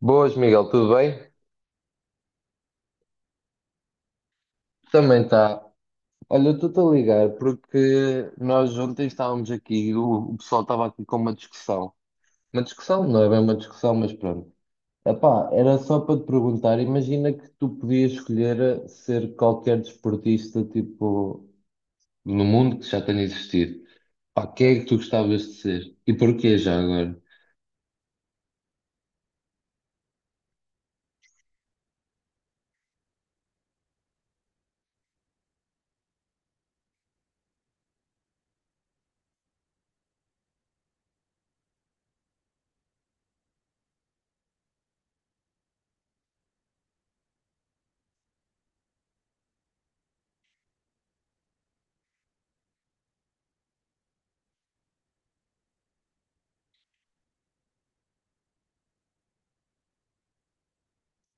Boas, Miguel, tudo bem? Também está. Olha, eu estou-te a ligar porque nós ontem estávamos aqui, o pessoal estava aqui com uma discussão. Uma discussão, não é bem uma discussão, mas pronto. Epá, era só para te perguntar, imagina que tu podias escolher ser qualquer desportista, tipo, no mundo que já tenha existido. Pá, quem é que tu gostavas de ser? E porquê já agora?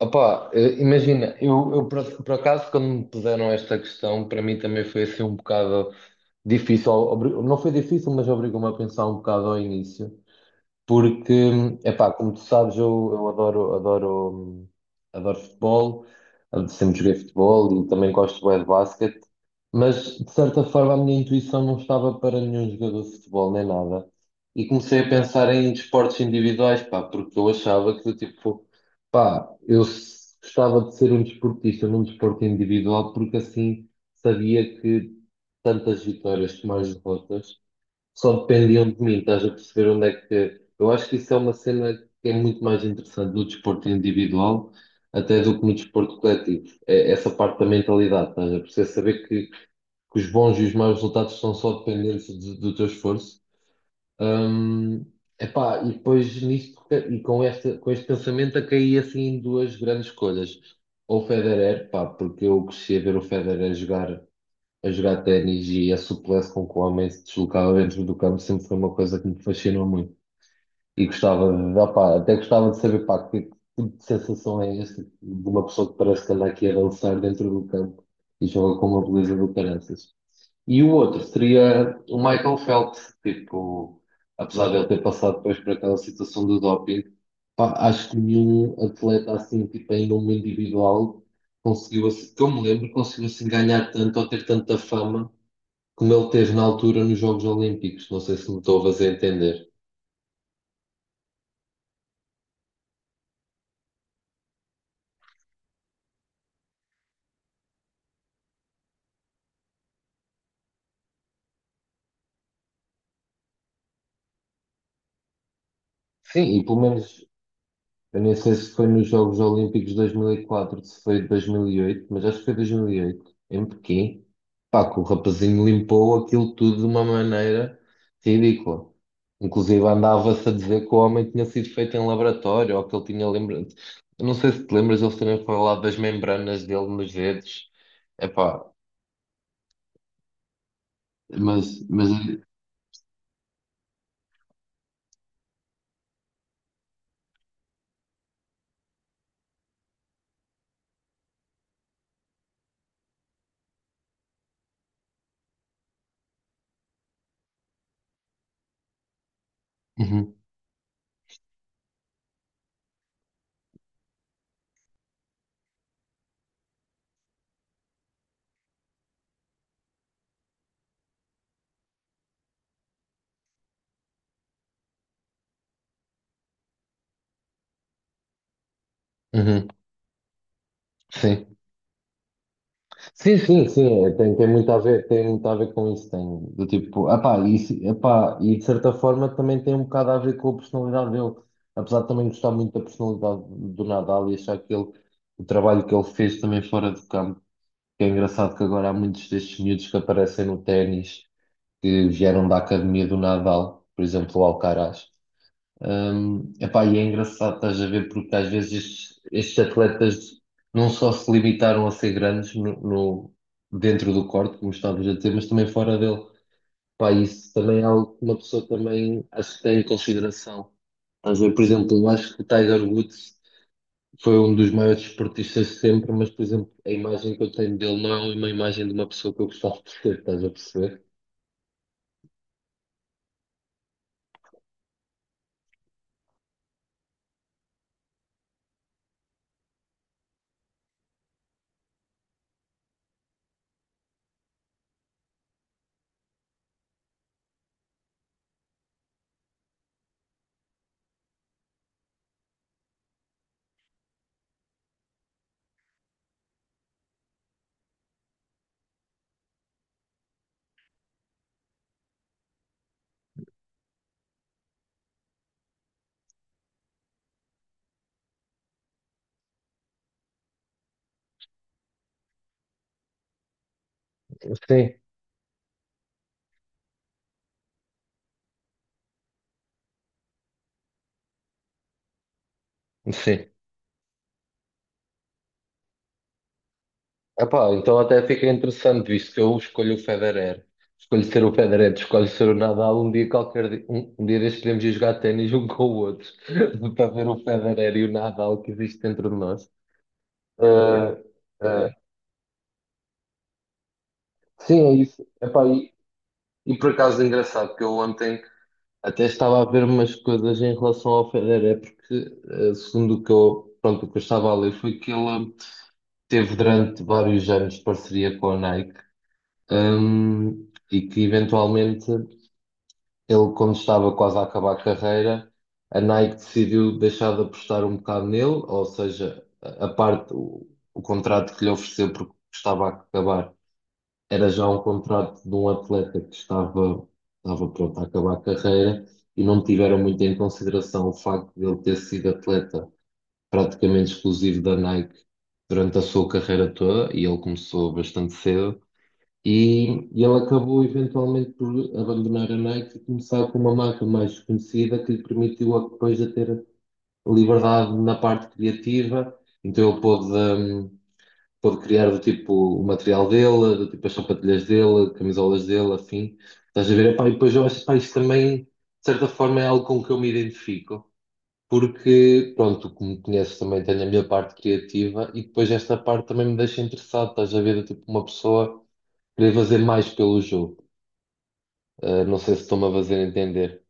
Opa, imagina, eu por acaso quando me puseram esta questão, para mim também foi assim um bocado difícil, não foi difícil, mas obrigou-me a pensar um bocado ao início porque, epá, como tu sabes, eu adoro, adoro, adoro futebol, sempre joguei futebol e também gosto bem de basquete, mas de certa forma a minha intuição não estava para nenhum jogador de futebol nem nada. E comecei a pensar em desportos individuais, pá, porque eu achava que, tipo, pá, gostava de ser um desportista num desporto individual, porque assim sabia que tantas vitórias como as derrotas só dependiam de mim, estás a perceber onde é que. Eu acho que isso é uma cena que é muito mais interessante no desporto individual até do que no desporto coletivo. É essa parte da mentalidade, estás a perceber? Saber que os bons e os maus resultados são só dependentes do teu esforço. Hum, epá, e depois nisto, com este pensamento, eu caí assim em duas grandes escolhas. Ou o Federer, pá, porque eu cresci a ver o Federer jogar a jogar ténis e a suplesse com que o homem se deslocava dentro do campo sempre foi uma coisa que me fascinou muito. E gostava, opá, até gostava de saber, pá, que tipo de sensação é esta de uma pessoa que parece que anda aqui a dançar dentro do campo e joga com uma beleza do caraças. E o outro seria o Michael Phelps, tipo, apesar de ele ter passado depois por aquela situação do doping, pá, acho que nenhum atleta assim, tipo, em nome individual, conseguiu, assim, que eu me lembro, conseguiu assim ganhar tanto ou ter tanta fama como ele teve na altura nos Jogos Olímpicos. Não sei se me estou a fazer entender. Sim, e pelo menos, eu nem sei se foi nos Jogos Olímpicos de 2004, se foi de 2008, mas acho que foi 2008, em Pequim. Pá, que o rapazinho limpou aquilo tudo de uma maneira ridícula. Inclusive andava-se a dizer que o homem tinha sido feito em laboratório, ou que ele tinha lembrado. Eu não sei se te lembras eles terem falado das membranas dele nos dedos. Epá, mas... Uhum, uhum, sim. Sim, sim, sim, é, tem, tem muito a ver, tem muito a ver com isso, tem, do tipo, epá, epá, e de certa forma também tem um bocado a ver com a personalidade dele, apesar de também gostar muito da personalidade do Nadal e achar que ele, o trabalho que ele fez também fora de campo, que é engraçado que agora há muitos destes miúdos que aparecem no ténis, que vieram da academia do Nadal, por exemplo, o Alcaraz, hum, epá, e é engraçado, estás a ver, porque às vezes estes, estes atletas não só se limitaram a ser grandes dentro do corte, como estavas a dizer, mas também fora dele. Pá, isso também é algo que uma pessoa também acho que tem em consideração. Estás a ver, por exemplo, eu acho que o Tiger Woods foi um dos maiores esportistas de sempre, mas, por exemplo, a imagem que eu tenho dele não é uma imagem de uma pessoa que eu gostava de ser, estás a perceber? Sim, sim. Epá, então até fica interessante, visto que eu escolho o Federer. Escolho ser o Federer, escolho ser o Nadal. Um dia qualquer, um dia destes podemos ir jogar ténis um com o outro, para ver o Federer e o Nadal que existe dentro de nós. Uh, uh, sim, é isso. Epá, e por acaso é engraçado que eu ontem até estava a ver umas coisas em relação ao Federer, porque segundo o que eu, pronto, o que eu estava a ler foi que ele teve durante vários anos parceria com a Nike, e que eventualmente ele, quando estava quase a acabar a carreira, a Nike decidiu deixar de apostar um bocado nele, ou seja, a parte, o contrato que lhe ofereceu porque estava a acabar era já um contrato de um atleta que estava, estava pronto a acabar a carreira e não tiveram muito em consideração o facto de ele ter sido atleta praticamente exclusivo da Nike durante a sua carreira toda e ele começou bastante cedo e, e ele acabou eventualmente por abandonar a Nike e começar com uma marca mais conhecida que lhe permitiu depois a ter liberdade na parte criativa. Então ele pôde, pôde criar do tipo o material dele, do tipo as sapatilhas dele, camisolas dele, assim. Estás a ver? Epá, e depois eu acho que isto também, de certa forma, é algo com que eu me identifico. Porque, pronto, como conheces também, tenho a minha parte criativa e depois esta parte também me deixa interessado. Estás a ver? Do tipo uma pessoa poder fazer mais pelo jogo. Não sei se estou-me a fazer entender.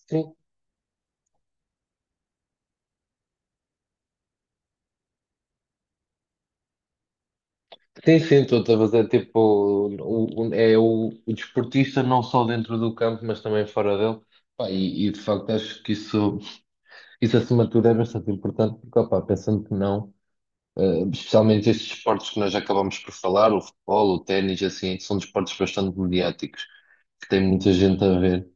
Sim, sim, sim, estou-te a fazer tipo. É o desportista, não só dentro do campo, mas também fora dele. Pá, e, de facto acho que isso acima de tudo é bastante importante, porque opá, pensando que não, especialmente estes esportes que nós acabamos por falar, o futebol, o ténis, assim, que são desportos bastante mediáticos, que tem muita gente a ver.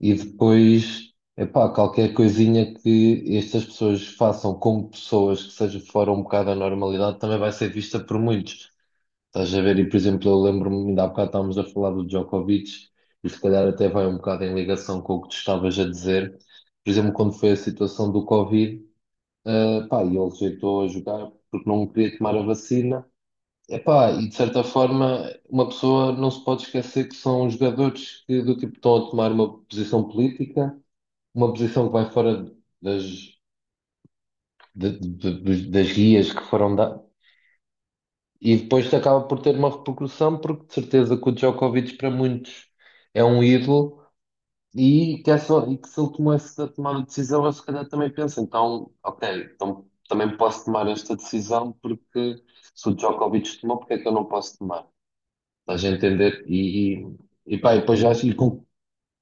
E depois, epá, qualquer coisinha que estas pessoas façam como pessoas que seja fora um bocado da normalidade também vai ser vista por muitos. Estás a ver? E, por exemplo, eu lembro-me, ainda há bocado estávamos a falar do Djokovic, e se calhar até vai um bocado em ligação com o que tu estavas a dizer. Por exemplo, quando foi a situação do Covid, pá, e ele rejeitou a jogar porque não queria tomar a vacina. Epá, e de certa forma, uma pessoa não se pode esquecer que são jogadores que, do tipo, estão a tomar uma posição política, uma posição que vai fora das, das guias que foram dadas. E depois acaba por ter uma repercussão, porque de certeza que o Djokovic para muitos é um ídolo e que, é só, e que se ele tomasse essa tomada de decisão, ele se calhar também pensa, então, ok, então também posso tomar esta decisão porque se o Djokovic tomou, porque é que eu não posso tomar? Estás a entender? E, e pá, e depois acho e com,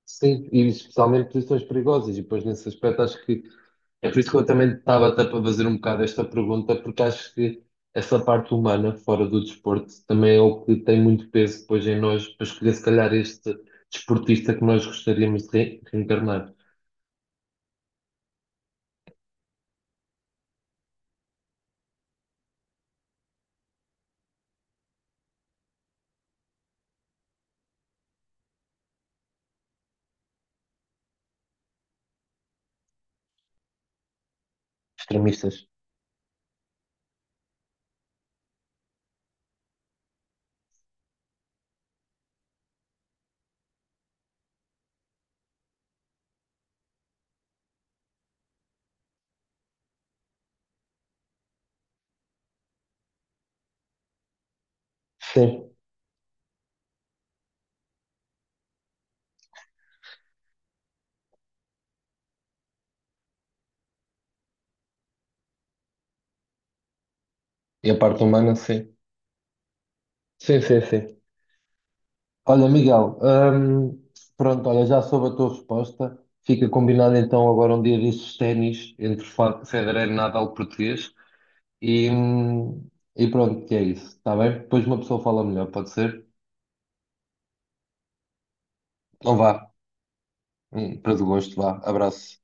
sim, e especialmente posições perigosas, e depois nesse aspecto acho que é por isso que eu também estava até para fazer um bocado esta pergunta, porque acho que essa parte humana, fora do desporto, também é o que tem muito peso depois em nós para escolher, se calhar, este desportista que nós gostaríamos de reencarnar. Extremistas. Sim. E a parte humana, sim. Sim, sim, sim. Olha, Miguel, pronto, olha, já soube a tua resposta. Fica combinado então agora um dia desses ténis entre Federer e Nadal português. E, hum, e pronto, que é isso. Está bem? Depois uma pessoa fala melhor, pode ser? Então vá. Para do gosto, vá. Abraço.